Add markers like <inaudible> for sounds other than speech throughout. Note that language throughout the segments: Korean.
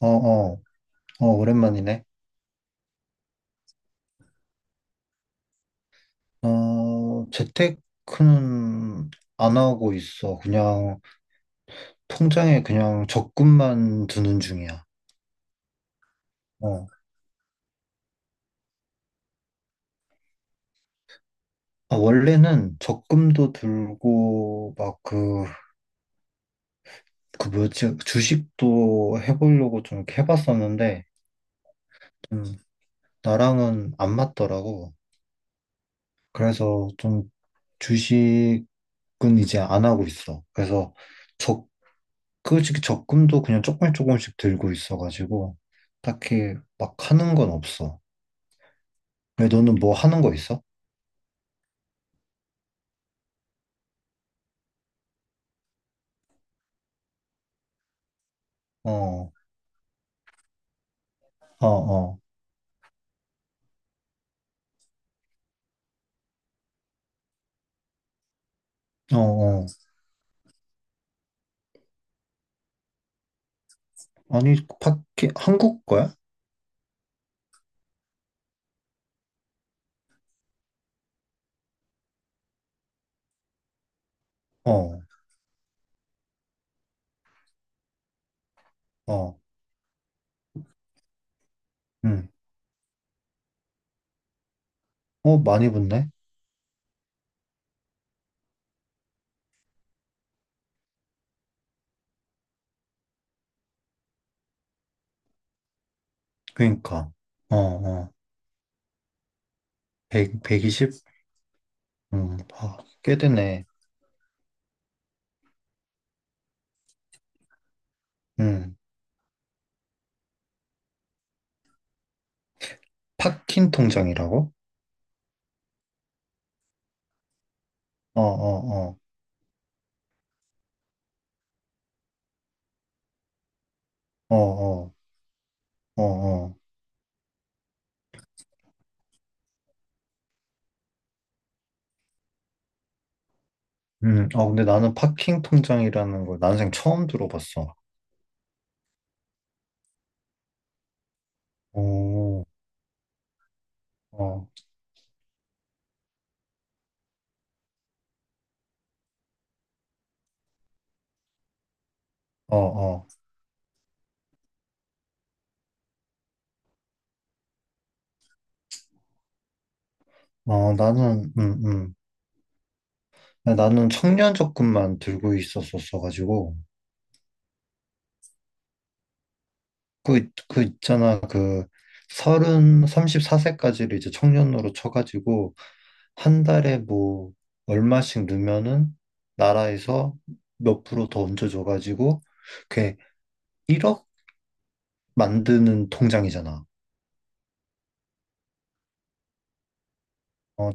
어, 어, 어, 오랜만이네. 어, 재테크는 안 하고 있어. 그냥 통장에 그냥 적금만 두는 중이야. 어. 아, 원래는 적금도 들고 막 주식도 해보려고 좀 이렇게 해봤었는데, 음, 나랑은 안 맞더라고. 그래서 좀 주식은 이제 안 하고 있어. 그래서 적금은 그 지금 적금도 그냥 조금씩 조금씩 들고 있어가지고 딱히 막 하는 건 없어. 왜 너는 뭐 하는 거 있어? 어, 어, 어, 어, 어. 아니 밖에 한국 거야? 어, 어, 응. 어 많이 붙네. 그러니까. 어, 어. 1 120. 2 0 음, 아, 꽤 되네. 음, 파킹 통장이라고? 어, 어, 어, 어, 어, 어, 어. 어, 근데 나는 파킹 통장이라는 걸 난생 처음 들어봤어. 오, 어, 어, 어. 어, 나는, 아, 나는 청년 적금만 들고 있었었어가지고, 그 있잖아, 서른, 34세까지를 이제 청년으로 쳐가지고, 한 달에 뭐, 얼마씩 넣으면은, 나라에서 몇 프로 더 얹어줘가지고, 그게 1억 만드는 통장이잖아. 어,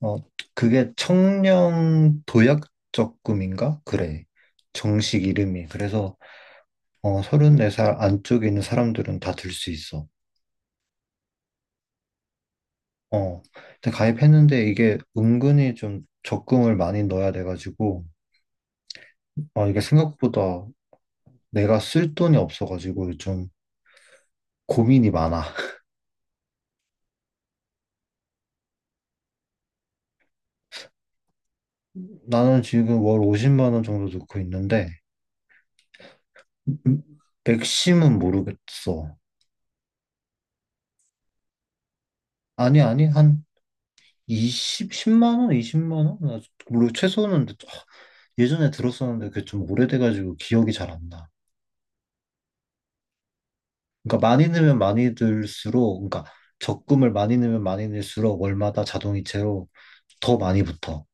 어, 그게 청년 도약 적금인가? 그래. 정식 이름이. 그래서, 어, 34살 안쪽에 있는 사람들은 다 들 수 있어. 어, 근데 가입했는데 이게 은근히 좀 적금을 많이 넣어야 돼가지고, 어, 이게 생각보다 내가 쓸 돈이 없어가지고 좀 고민이 많아. <laughs> 나는 지금 월 50만 원 정도 넣고 있는데, 음, 맥심은 모르겠어. 아니, 아니, 한 20, 10만 원, 20만 원? 나 물론 최소는, 아, 예전에 들었었는데 그게 좀 오래돼가지고 기억이 잘 안 나. 그러니까 많이 넣으면 많이 들수록, 그러니까 적금을 많이 넣으면 많이 넣을수록 월마다 자동이체로 더 많이 붙어.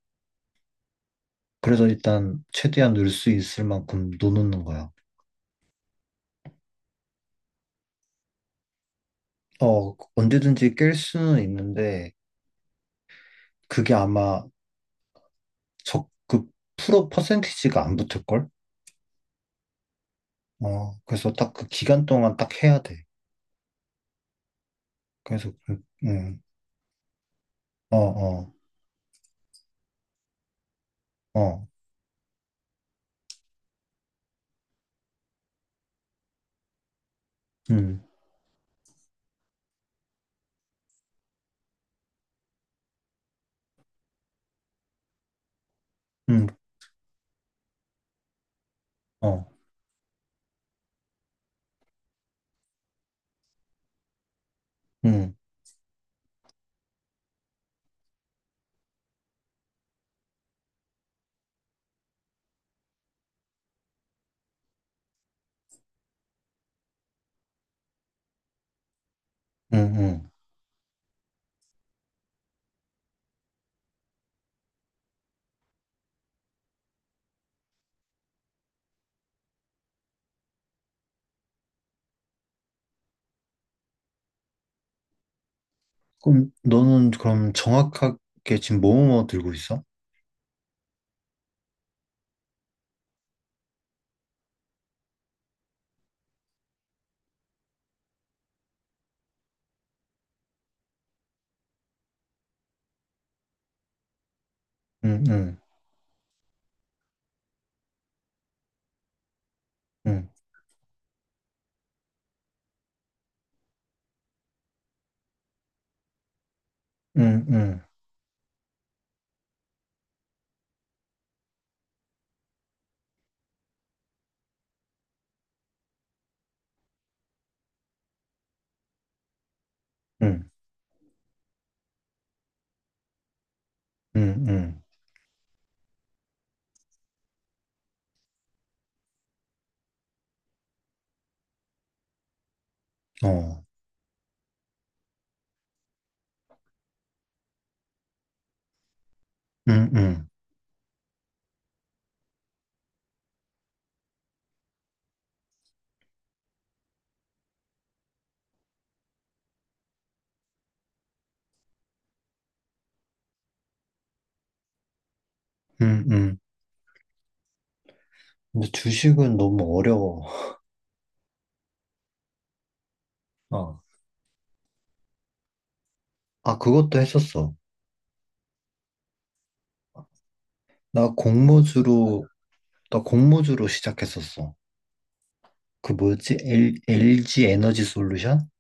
그래서 일단 최대한 넣을 수 있을 만큼 넣는 거야. 어, 언제든지 깰 수는 있는데 그게 아마 그 프로 퍼센티지가 안 붙을걸? 어, 그래서 딱 그 기간 동안 딱 해야 돼. 그래서 그, 어, 어, 어, 음, 음, 어, 음, 음, 음. 그럼 너는 그럼 정확하게 지금 뭐뭐 들고 있어? 음, 음, 음, 음, 음, 음, 음, 음. 어, 음, 음, 음, 음. 근데 주식은 너무 어려워. 어. 아, 그것도 했었어. 나 공모주로, 나 공모주로 시작했었어. 그 뭐였지? LG 에너지 솔루션?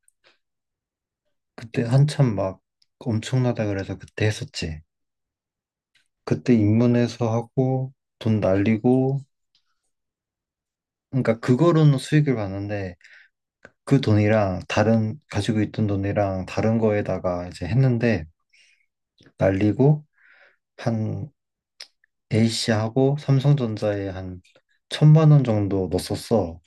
그때 한참 막 엄청나다 그래서 그때 했었지. 그때 입문해서 하고, 돈 날리고, 그러니까 그거로는 수익을 봤는데, 그 돈이랑 다른, 가지고 있던 돈이랑 다른 거에다가 이제 했는데, 날리고 한 A씨하고 삼성전자에 한 1,000만 원 정도 넣었었어.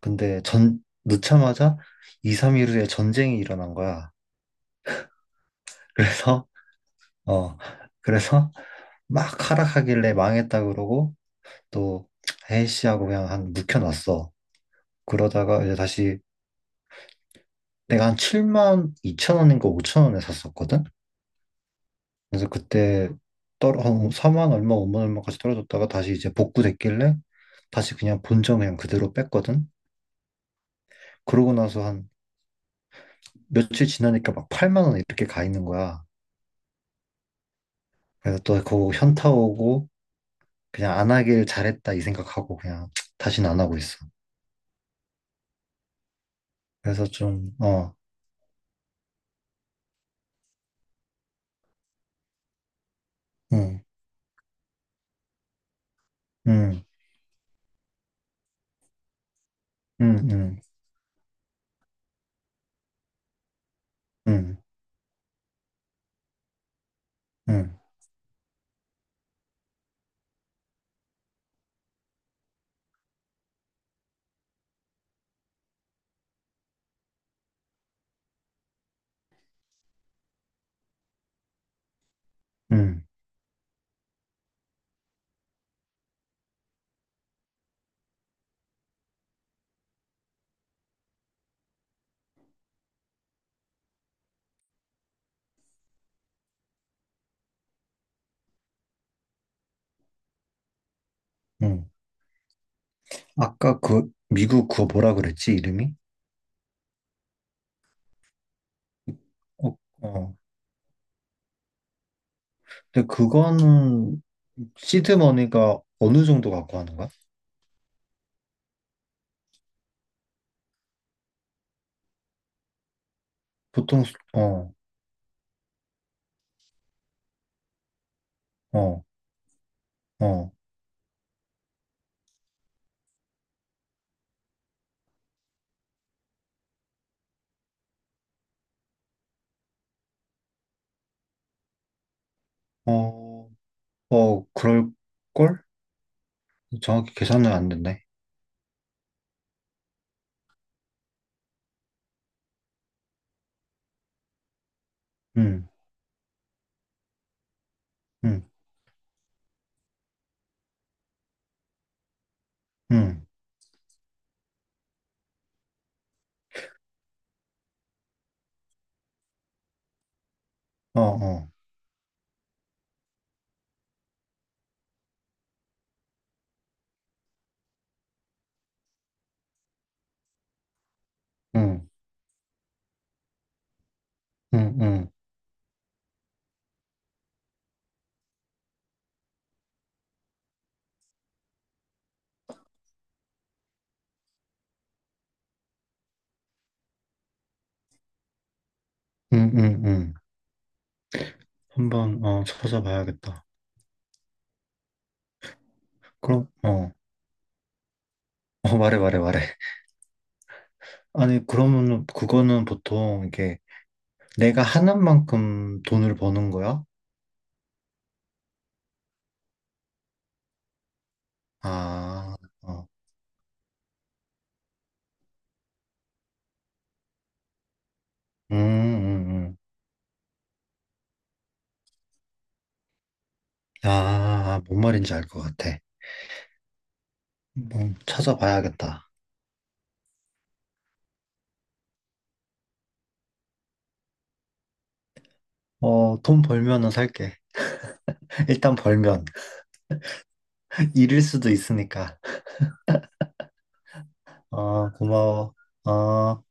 근데 전 넣자마자 2, 3일 후에 전쟁이 일어난 거야. <laughs> 그래서 어 그래서 막 하락하길래 망했다 그러고 또 A씨하고 그냥 한 묵혀놨어. 그러다가 이제 다시 내가 한 7만 2천 원인가 5천 원에 샀었거든. 그래서 그때 떨어 한 4만 얼마 5만 얼마까지 떨어졌다가 다시 이제 복구됐길래 다시 그냥 본전 그냥 그대로 뺐거든. 그러고 나서 한 며칠 지나니까 막 8만 원 이렇게 가 있는 거야. 그래서 또 그거 현타 오고 그냥 안 하길 잘했다 이 생각하고 그냥 <tsk> 다시는 안 하고 있어. 그래서 좀 어, 응, 응, 응, 응, 응, 응, 응, 응. 아까 그 미국 그거 뭐라 그랬지 이름이? 어, 어. 근데 그거는 시드머니가 어느 정도 갖고 하는 거야? 어, 어, 어, 어, 어, 그럴 걸? 정확히 계산은 안 됐네. 음, 음, 음, 어, 어, 음, 음, 음, 음. 한번 어 찾아봐야겠다. 그럼 어, 어 말해 말해. 아니 그러면은 그거는 보통 이게 내가 하는 만큼 돈을 버는 거야? 아, 어, 음, 음, 음. 아, 뭔 말인지 알 것 같아. 한번 찾아봐야겠다. 어, 돈 벌면은 살게. <laughs> 일단 벌면. <laughs> 잃을 수도 있으니까. 어, 고마워. 어.